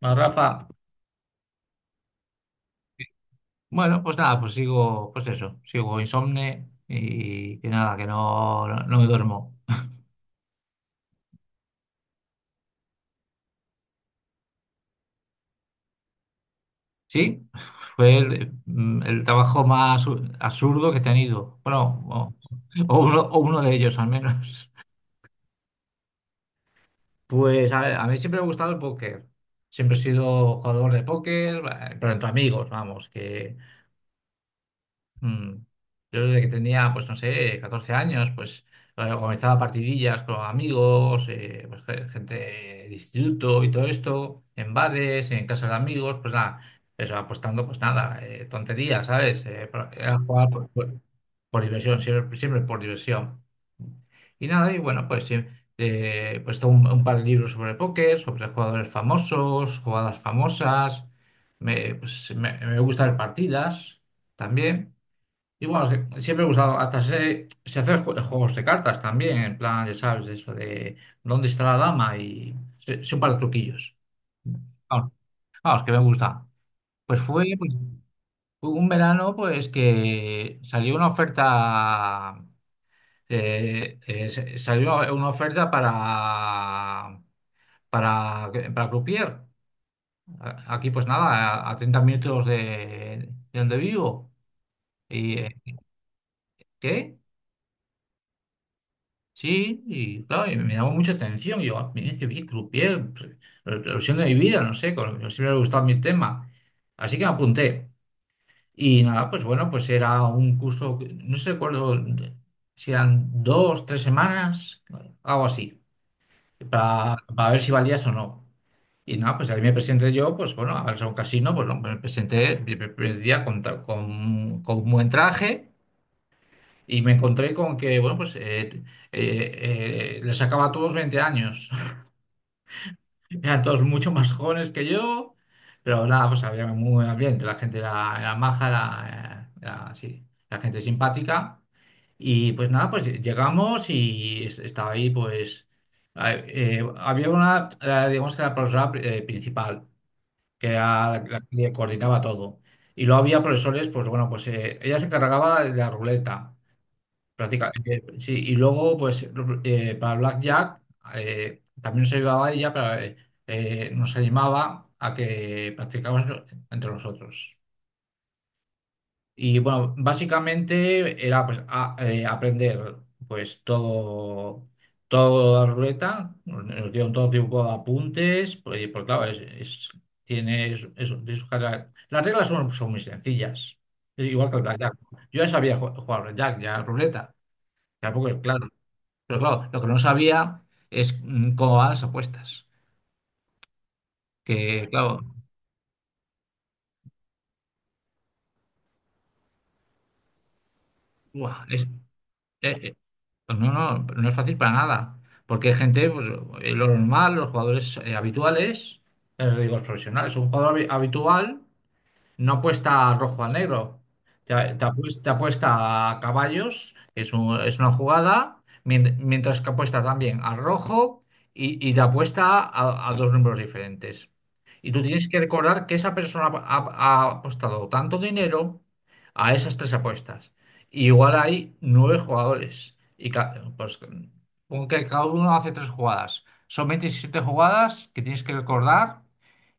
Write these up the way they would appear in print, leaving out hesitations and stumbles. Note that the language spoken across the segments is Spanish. Bueno, Rafa, bueno, pues nada, pues sigo, pues eso, sigo insomne y que nada, que no, no, no me duermo. Sí, fue el trabajo más absurdo que he tenido. Bueno, o uno de ellos al menos. Pues a ver, a mí siempre me ha gustado el póker. Siempre he sido jugador de póker, pero entre amigos, vamos, que Mm. Yo desde que tenía, pues no sé, 14 años, pues organizaba partidillas con amigos, pues, gente de instituto y todo esto, en bares, en casas de amigos, pues nada, eso apostando, pues nada, tonterías, ¿sabes? Era jugar por diversión, siempre, siempre por diversión. Y nada, y bueno, pues sí, pues tengo un par de libros sobre póker, sobre jugadores famosos, jugadas famosas, pues, me gusta ver partidas también. Y bueno, siempre he usado, hasta se hacen juegos de cartas también, en plan, ya sabes, eso de dónde está la dama y son para truquillos. Vamos, vamos, que me gusta. Pues pues, fue un verano pues que salió una oferta, salió una oferta para, para Croupier. Aquí pues nada, a 30 minutos de donde vivo. ¿Y qué? Sí, y claro, y me llamó mucha atención. Y yo, mira, que bien croupier, revolución de mi vida, no sé, siempre me ha gustado mi tema. Así que me apunté. Y nada, pues bueno, pues era un curso, no sé recuerdo si eran dos, tres semanas, algo así, para ver si valías o no. Y nada, pues ahí me presenté yo, pues bueno, a ver, a un casino, pues no, me presenté el primer día con un buen traje. Y me encontré con que, bueno, pues les sacaba a todos 20 años. Eran todos mucho más jóvenes que yo, pero nada, pues había muy buen ambiente. La gente era maja, era sí, la gente simpática. Y pues nada, pues llegamos y estaba ahí, pues había una, digamos que era la profesora principal, que era la que coordinaba todo. Y luego había profesores, pues bueno, pues ella se encargaba de la ruleta. Prácticamente, sí. Y luego, pues, para Blackjack también se llevaba ella, pero nos animaba a que practicáramos entre nosotros. Y bueno, básicamente era pues aprender pues todo, la ruleta, nos dieron todo tipo de apuntes, pues, porque claro, tiene tiene sus características. Las reglas son muy sencillas. Es igual que el Blackjack. Yo ya sabía jugar al Blackjack, ya a la ruleta. Tampoco, es claro. Pero claro, lo que no sabía es cómo van las apuestas. Que, claro, buah, es- eh, eh, pues no, no, no es fácil para nada. Porque hay gente, pues, lo normal, los jugadores habituales, ya os digo, los profesionales, un jugador habitual. No apuesta rojo al negro. Te apuesta, a caballos, que es una jugada, mientras que apuesta también al rojo y te apuesta a dos números diferentes. Y tú tienes que recordar que esa persona ha apostado tanto dinero a esas tres apuestas. Y igual hay nueve jugadores. Y pues, pon que cada uno hace tres jugadas. Son 27 jugadas que tienes que recordar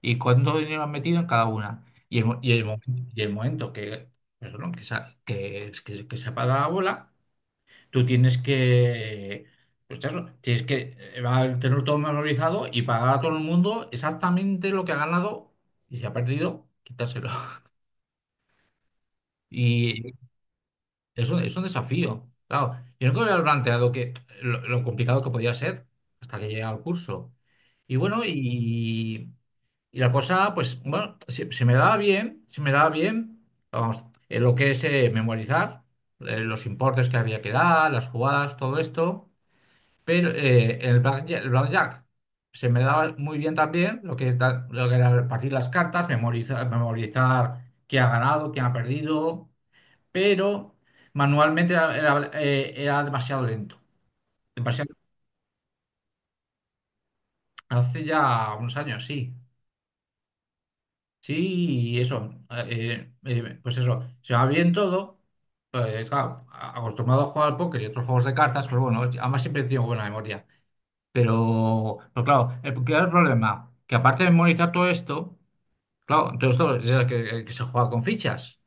y cuánto dinero han metido en cada una. Y el, mo- y el, mo- y el momento que, perdón, que, se ha- que se apaga la bola, tú tienes que, pues eso, tienes que va a tener todo memorizado y pagar a todo el mundo exactamente lo que ha ganado y si ha perdido, quitárselo. Y es un desafío. Claro, yo nunca me había planteado que, lo complicado que podía ser hasta que llegué al curso. Y bueno, y la cosa, pues, bueno, se me daba bien, vamos, lo que es memorizar, los importes que había que dar, las jugadas, todo esto, pero el blackjack se me daba muy bien también, lo que, lo que era repartir las cartas, memorizar, memorizar quién ha ganado, quién ha perdido, pero manualmente era demasiado lento, demasiado, hace ya unos años, sí. Sí, y eso, pues eso, se va bien todo. Claro, acostumbrado a jugar al póker y otros juegos de cartas, pero bueno, además siempre he tenido buena memoria. Pero claro, ¿qué era el problema? Que aparte de memorizar todo esto, claro, todo esto es que se juega con fichas.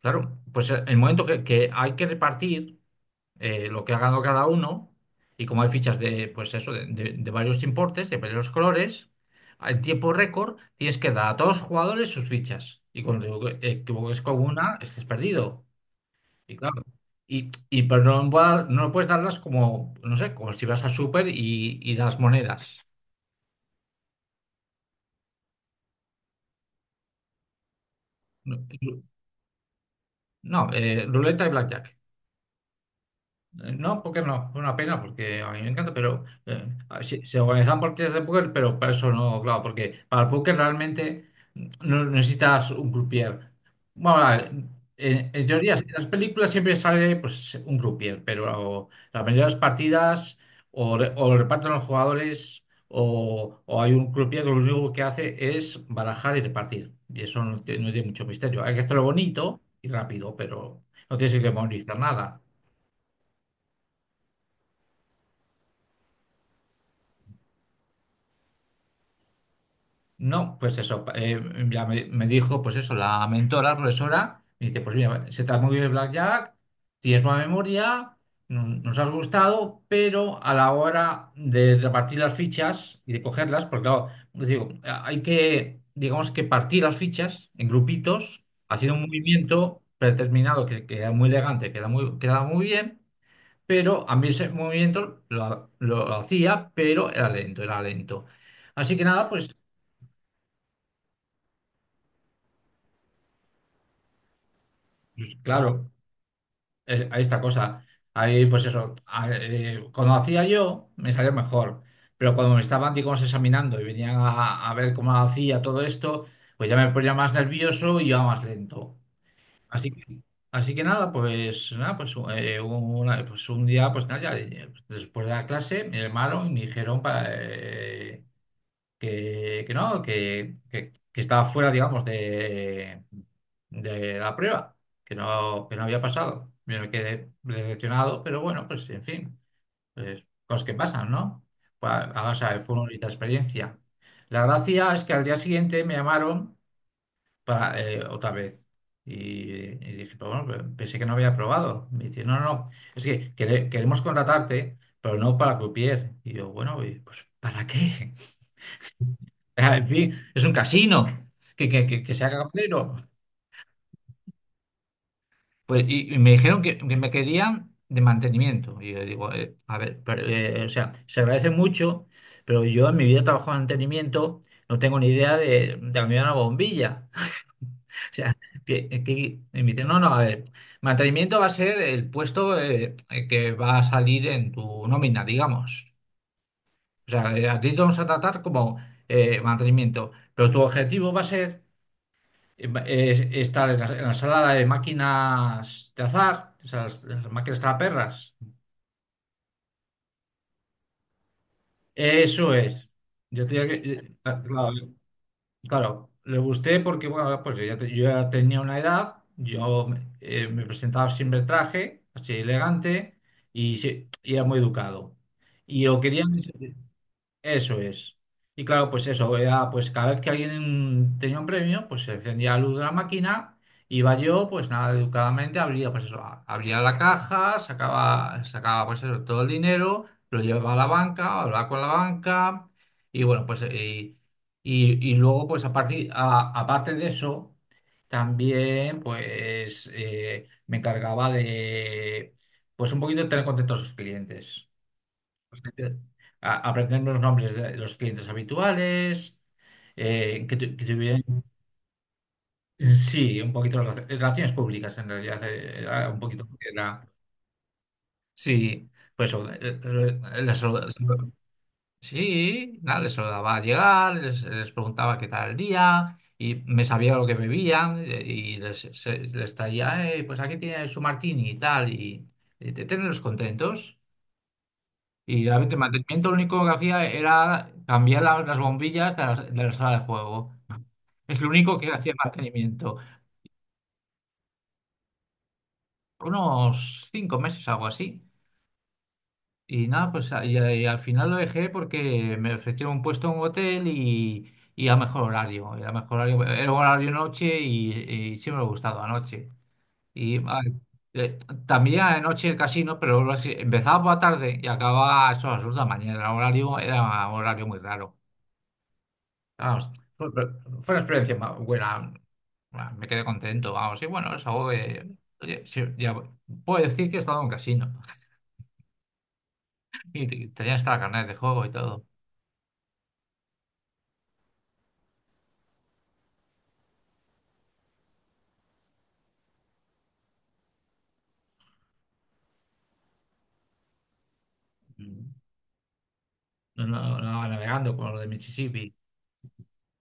Claro, pues el momento que hay que repartir lo que ha ganado cada uno, y como hay fichas de, pues eso, de varios importes, de varios colores, en tiempo récord tienes que dar a todos los jugadores sus fichas. Y cuando te equivoques con una, estés perdido. Y claro. Y pero no, no puedes darlas como, no sé, como si vas a super y, das monedas. No, ruleta y blackjack. No, porque no, es una pena, porque a mí me encanta, pero sí, se organizan partidas de póker, pero para eso no, claro, porque para el póker realmente no necesitas un croupier. Bueno, a ver, en teoría, si en las películas siempre sale pues, un croupier, pero la mayoría de las partidas o lo reparten los jugadores o hay un croupier que lo único que hace es barajar y repartir. Y eso no, tiene mucho misterio. Hay que hacerlo bonito y rápido, pero no tienes que memorizar nada. No, pues eso, ya me dijo, pues eso, la mentora, la profesora, me dice, pues mira, se te ha movido el blackjack, tienes buena memoria, nos has gustado, pero a la hora de repartir las fichas y de cogerlas, porque claro, os digo, hay que, digamos que partir las fichas en grupitos, haciendo un movimiento predeterminado que queda muy elegante, queda muy bien, pero a mí ese movimiento lo hacía, pero era lento, era lento. Así que nada, pues, claro, hay esta cosa. Ahí, pues eso, cuando hacía yo, me salía mejor. Pero cuando me estaban, digamos, examinando y venían a ver cómo hacía todo esto, pues ya me ponía más nervioso y ya más lento. Así que, así que nada, pues nada, pues, pues un día, pues nada, ya, después de la clase me llamaron y me dijeron para, que no, que estaba fuera, digamos, de la prueba, que no había pasado. Yo me quedé decepcionado, pero bueno, pues en fin, pues, cosas que pasan, ¿no? Pues, o sea, fue una bonita experiencia. La gracia es que al día siguiente me llamaron para, otra vez. Y dije, pues bueno, pensé que no había probado. Me dice, no, no, no, es que queremos contratarte, pero no para croupier. Y yo, bueno, pues ¿para qué? En fin, es un casino, que sea cabrero. Pues, y me dijeron que, me querían de mantenimiento. Y yo digo, a ver, pero, o sea, se agradece mucho, pero yo en mi vida he trabajado en mantenimiento, no tengo ni idea de cambiar una bombilla. O sea, que, que- y me dicen, no, no, a ver, mantenimiento va a ser el puesto que va a salir en tu nómina, digamos. O sea, a ti te vamos a tratar como mantenimiento, pero tu objetivo va a ser. Está en la sala de máquinas de azar, esas las máquinas tragaperras. Eso es. Yo tenía que, claro, claro, le gusté porque, bueno, pues yo ya, yo ya tenía una edad, yo me presentaba siempre en traje, así elegante y, y era muy educado. Y lo querían. Eso es. Y claro, pues eso, era, pues cada vez que alguien tenía un premio, pues se encendía la luz de la máquina, iba yo, pues nada, educadamente abría, pues eso, abría la caja, sacaba pues eso, todo el dinero, lo llevaba a la banca, hablaba con la banca, y bueno, pues y luego, pues aparte de eso, también pues me encargaba de pues un poquito de tener contentos a sus clientes, aprender los nombres de los clientes habituales, que, que tuvieran, sí, un poquito de relaciones públicas en realidad, era un poquito lo que era, sí, pues eso, sí, nada, les saludaba al llegar, les preguntaba qué tal el día. Y me sabía lo que bebían, y les traía, pues aquí tiene su martini y tal", y, tenerlos contentos. Y el mantenimiento lo único que hacía era cambiar las bombillas de la, sala de juego. Es lo único que hacía mantenimiento. Unos 5 meses, algo así. Y nada, pues y al final lo dejé porque me ofrecieron un puesto en un hotel y, a mejor horario. Era mejor horario, era horario noche y siempre me ha gustado anoche. Y eh, también anoche el casino, pero empezaba por la tarde y acababa a eso, a las 2 de la mañana. El horario era un horario muy raro. Vamos, fue, fue una experiencia buena. Bueno, me quedé contento, vamos. Y bueno, es algo que. Oye, sí, ya puedo decir que he estado en un casino. Y tenía hasta la carnet de juego y todo. Mm. No, no, no, navegando con lo de Mississippi.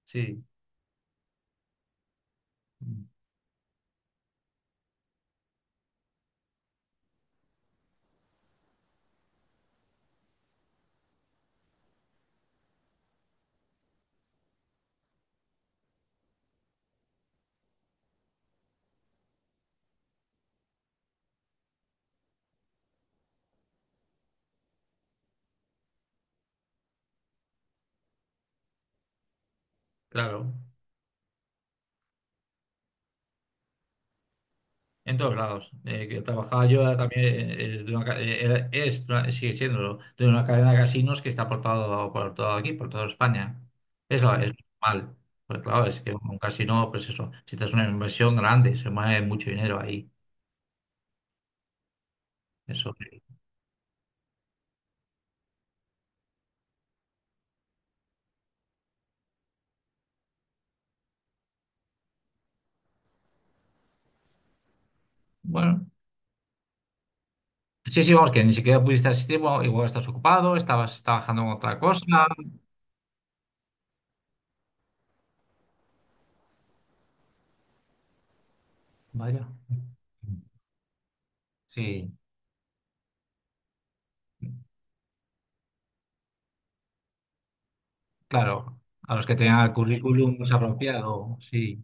Sí, mm, claro. En todos lados. Que trabajaba yo también, es, de una ca- era- es una- sigue siendo de una cadena de casinos que está por todo aquí, por toda España. Es normal. Pues claro, es que un casino, pues eso, si te es una inversión grande, se mueve mucho dinero ahí. Eso. Bueno. Sí, sí, vamos, que ni siquiera pudiste asistir, bueno, igual estás ocupado, estabas trabajando en otra cosa. Vaya. Sí, claro. A los que tengan el currículum pues, apropiado, sí.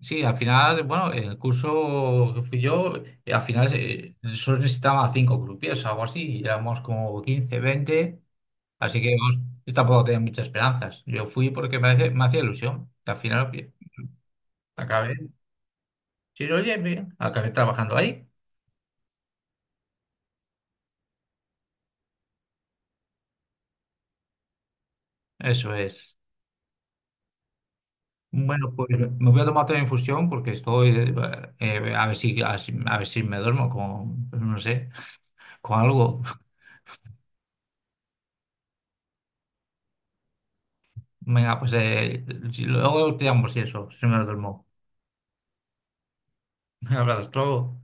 Sí, al final, bueno, en el curso que fui yo, al final solo necesitaba cinco grupos o algo así, y éramos como 15, 20, así que vamos, yo tampoco tenía muchas esperanzas. Yo fui porque me hacía ilusión, que al final oye, acabé, sí, oye, bien, acabé trabajando ahí. Eso es. Bueno, pues me voy a tomar otra infusión porque estoy, a ver si, a ver si me duermo con, no sé, con algo. Venga, pues luego te llamo si eso, si me duermo. Un abrazo.